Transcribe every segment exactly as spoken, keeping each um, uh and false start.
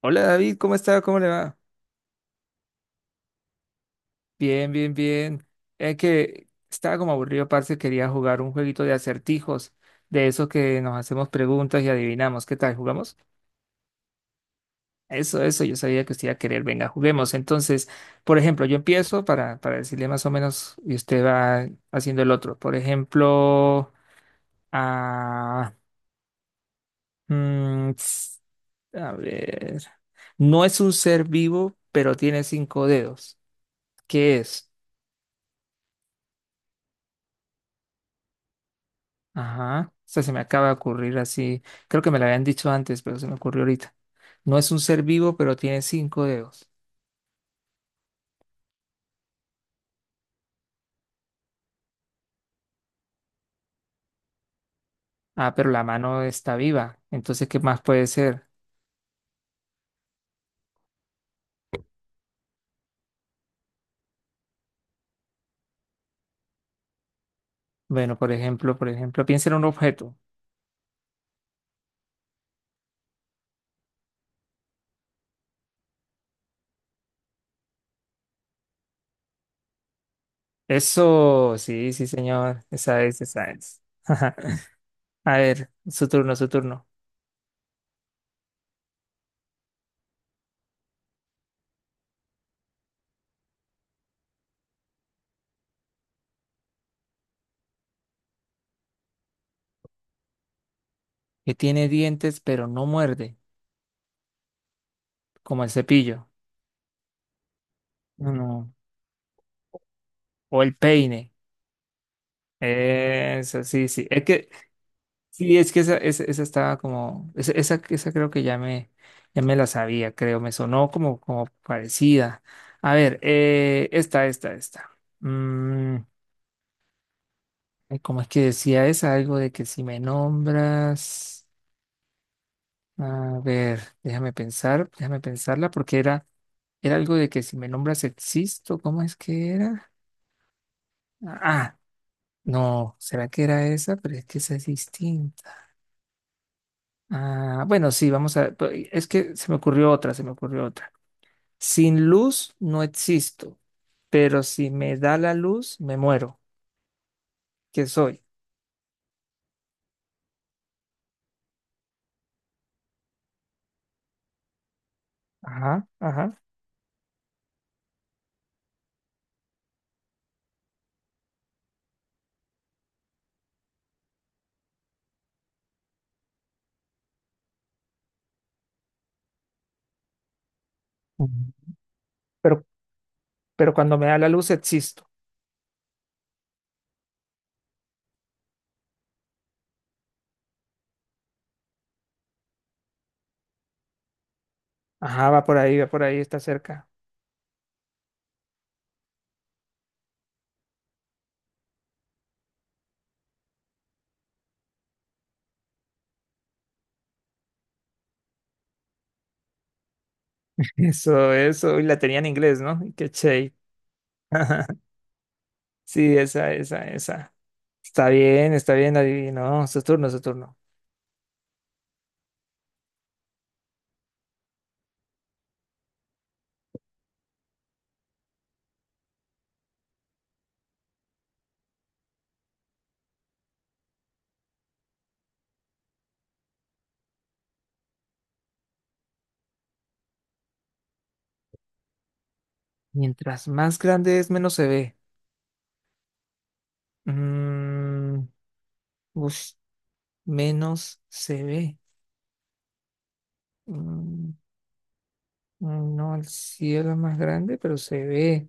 Hola David, ¿cómo está? ¿Cómo le va? Bien, bien, bien. Es que estaba como aburrido, parce, quería jugar un jueguito de acertijos, de esos que nos hacemos preguntas y adivinamos. ¿Qué tal? ¿Jugamos? Eso, eso, yo sabía que usted iba a querer. Venga, juguemos. Entonces, por ejemplo, yo empiezo para, para decirle más o menos y usted va haciendo el otro. Por ejemplo, ah, mm, ts- a ver, no es un ser vivo, pero tiene cinco dedos. ¿Qué es? Ajá. O sea, se me acaba de ocurrir así. Creo que me lo habían dicho antes, pero se me ocurrió ahorita. No es un ser vivo, pero tiene cinco dedos. Ah, pero la mano está viva. Entonces, ¿qué más puede ser? Bueno, por ejemplo, por ejemplo, piensa en un objeto. Eso, sí, sí, señor. Esa es, esa es. A ver, su turno, su turno. Que tiene dientes, pero no muerde, como el cepillo. No. O el peine. Eso, sí, sí. Es que sí, es que esa, esa, esa estaba como, esa, esa, esa creo que ya me, ya me la sabía, creo, me sonó como, como parecida. A ver, eh, esta, esta, esta. Mm, ay, ¿cómo es que decía esa? Algo de que si me nombras, a ver, déjame pensar, déjame pensarla, porque era, era algo de que si me nombras existo, ¿cómo es que era? Ah, ah, no, ¿será que era esa? Pero es que esa es distinta. Ah, bueno, sí, vamos a, pues, es que se me ocurrió otra, se me ocurrió otra. Sin luz no existo, pero si me da la luz, me muero. ¿Qué soy? Ajá, ajá. Mm. Pero, pero cuando me da la luz, existo. Ajá, va por ahí, va por ahí, está cerca. Eso, eso. Y la tenía en inglés, ¿no? Qué chévere. Sí, esa, esa, esa. Está bien, está bien, adivino. Su turno, su turno. Mientras más grande es, menos se ve. Mm, ush, menos se ve. Mm, Mm, No, el cielo es más grande, pero se ve.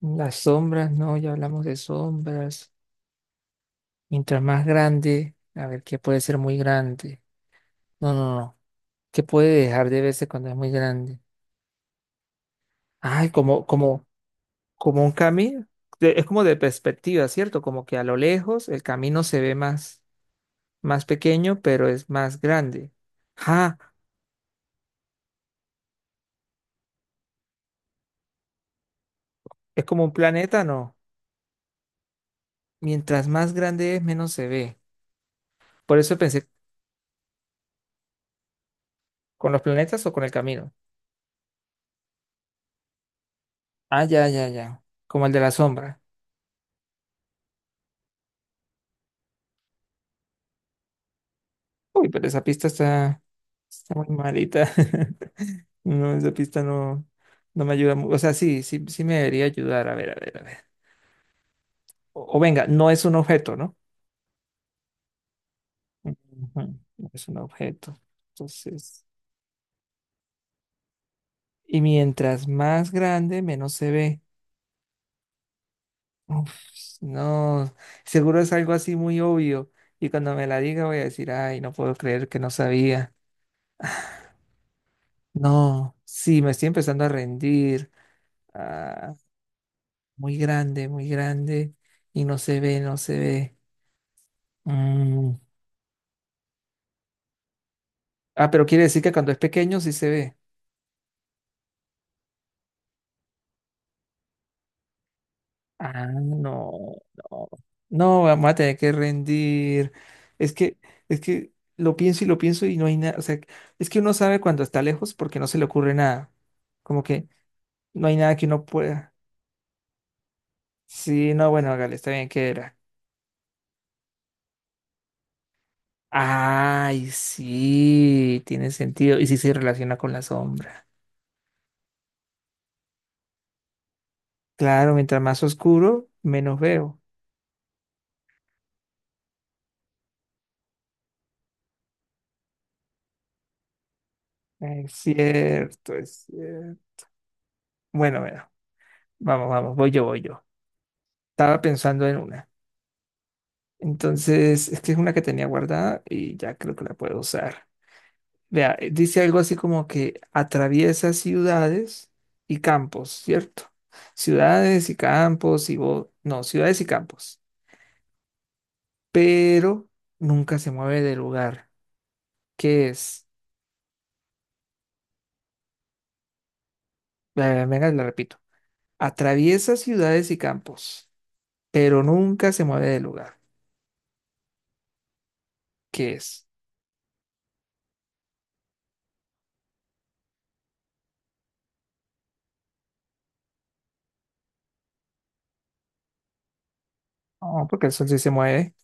Las sombras, no, ya hablamos de sombras. Mientras más grande, a ver, ¿qué puede ser muy grande? No, no, no. ¿Qué puede dejar de verse cuando es muy grande? Ay, como, como, como un camino. De- es como de perspectiva, ¿cierto? Como que a lo lejos el camino se ve más, más pequeño, pero es más grande. Ah, es como un planeta, no. Mientras más grande es, menos se ve. Por eso pensé, ¿con los planetas o con el camino? Ah, ya, ya, ya. Como el de la sombra. Uy, pero esa pista está, está muy malita. No, esa pista no, no me ayuda mucho. O sea, sí, sí, sí me debería ayudar. A ver, a ver, a ver. O, o venga, no es un objeto, ¿no? Ujú, no es un objeto. Entonces, y mientras más grande, menos se ve. Uf, no, seguro es algo así muy obvio. Y cuando me la diga voy a decir, ay, no puedo creer que no sabía. No, sí, me estoy empezando a rendir. Ah, muy grande, muy grande y no se ve, no se ve. Mm. Ah, pero quiere decir que cuando es pequeño sí se ve. Ah, no, no. No, vamos a tener que rendir. Es que, es que lo pienso y lo pienso y no hay nada. O sea, es que uno sabe cuando está lejos porque no se le ocurre nada. Como que no hay nada que uno pueda. Sí, no, bueno, hágale, está bien que era. Ay, sí, tiene sentido. Y sí se relaciona con la sombra. Claro, mientras más oscuro, menos veo. Es cierto, es cierto. Bueno, bueno, vamos, vamos, voy yo, voy yo. Estaba pensando en una. Entonces, es que es una que tenía guardada y ya creo que la puedo usar. Vea, eh, dice algo así como que atraviesa ciudades y campos, ¿cierto? Ciudades y campos y bo- no, ciudades y campos. Pero nunca se mueve de lugar. ¿Qué es? Ve- Venga, la repito. Atraviesa ciudades y campos, pero nunca se mueve de lugar. ¿Qué es? No, porque el sol sí se mueve.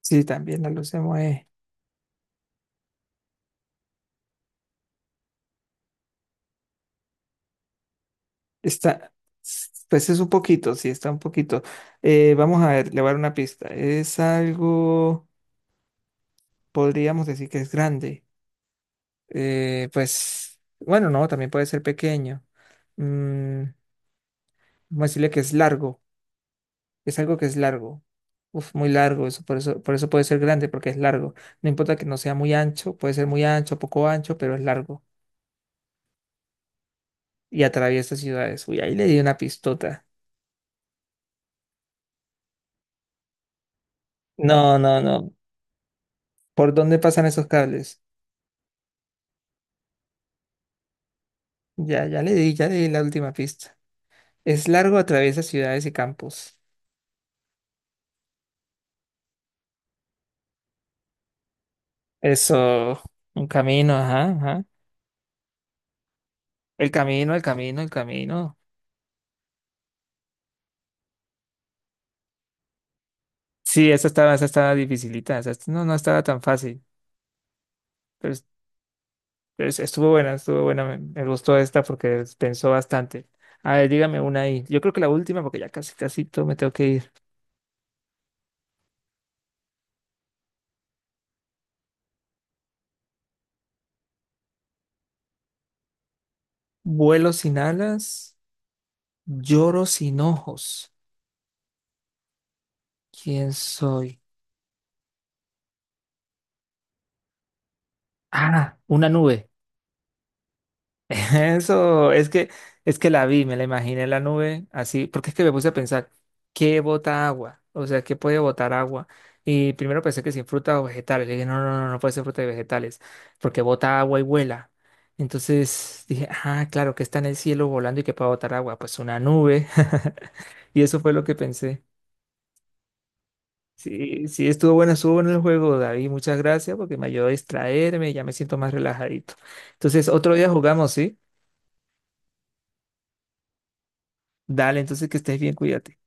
Sí, también la luz se mueve. Está, pues es un poquito, sí, está un poquito. Eh, vamos a ver, le voy a dar una pista. Es algo, podríamos decir que es grande. Eh, pues, bueno, no, también puede ser pequeño. Mm, vamos a decirle que es largo. Es algo que es largo. Uf, muy largo, eso, por eso, por eso puede ser grande, porque es largo. No importa que no sea muy ancho, puede ser muy ancho, poco ancho, pero es largo. Y atraviesa ciudades. Uy, ahí le di una pistota. No, no, no. ¿Por dónde pasan esos cables? Ya, ya le di, ya le di la última pista. Es largo, atraviesa ciudades y campos. Eso, un camino, ajá, ajá. El camino, el camino, el camino. Sí, esa estaba, esa estaba dificilita, esa est- no, no estaba tan fácil. Pero es- pero es- Estuvo buena, estuvo buena. Me, me gustó esta porque es- pensó bastante. A ver, dígame una ahí. Yo creo que la última, porque ya casi, casi todo me tengo que ir. Vuelo sin alas, lloro sin ojos. ¿Quién soy? Ah, una nube. Eso, es que, es que la vi, me la imaginé la nube así, porque es que me puse a pensar, ¿qué bota agua? O sea, ¿qué puede botar agua? Y primero pensé que sin fruta o vegetales. Le dije, no, no, no, no puede ser fruta y vegetales, porque bota agua y vuela. Entonces dije, ah, claro, que está en el cielo volando y que puede botar agua. Pues una nube. Y eso fue lo que pensé. Sí, sí, estuvo bueno, estuvo bueno el juego, David. Muchas gracias porque me ayudó a distraerme y ya me siento más relajadito. Entonces, otro día jugamos, ¿sí? Dale, entonces que estés bien, cuídate.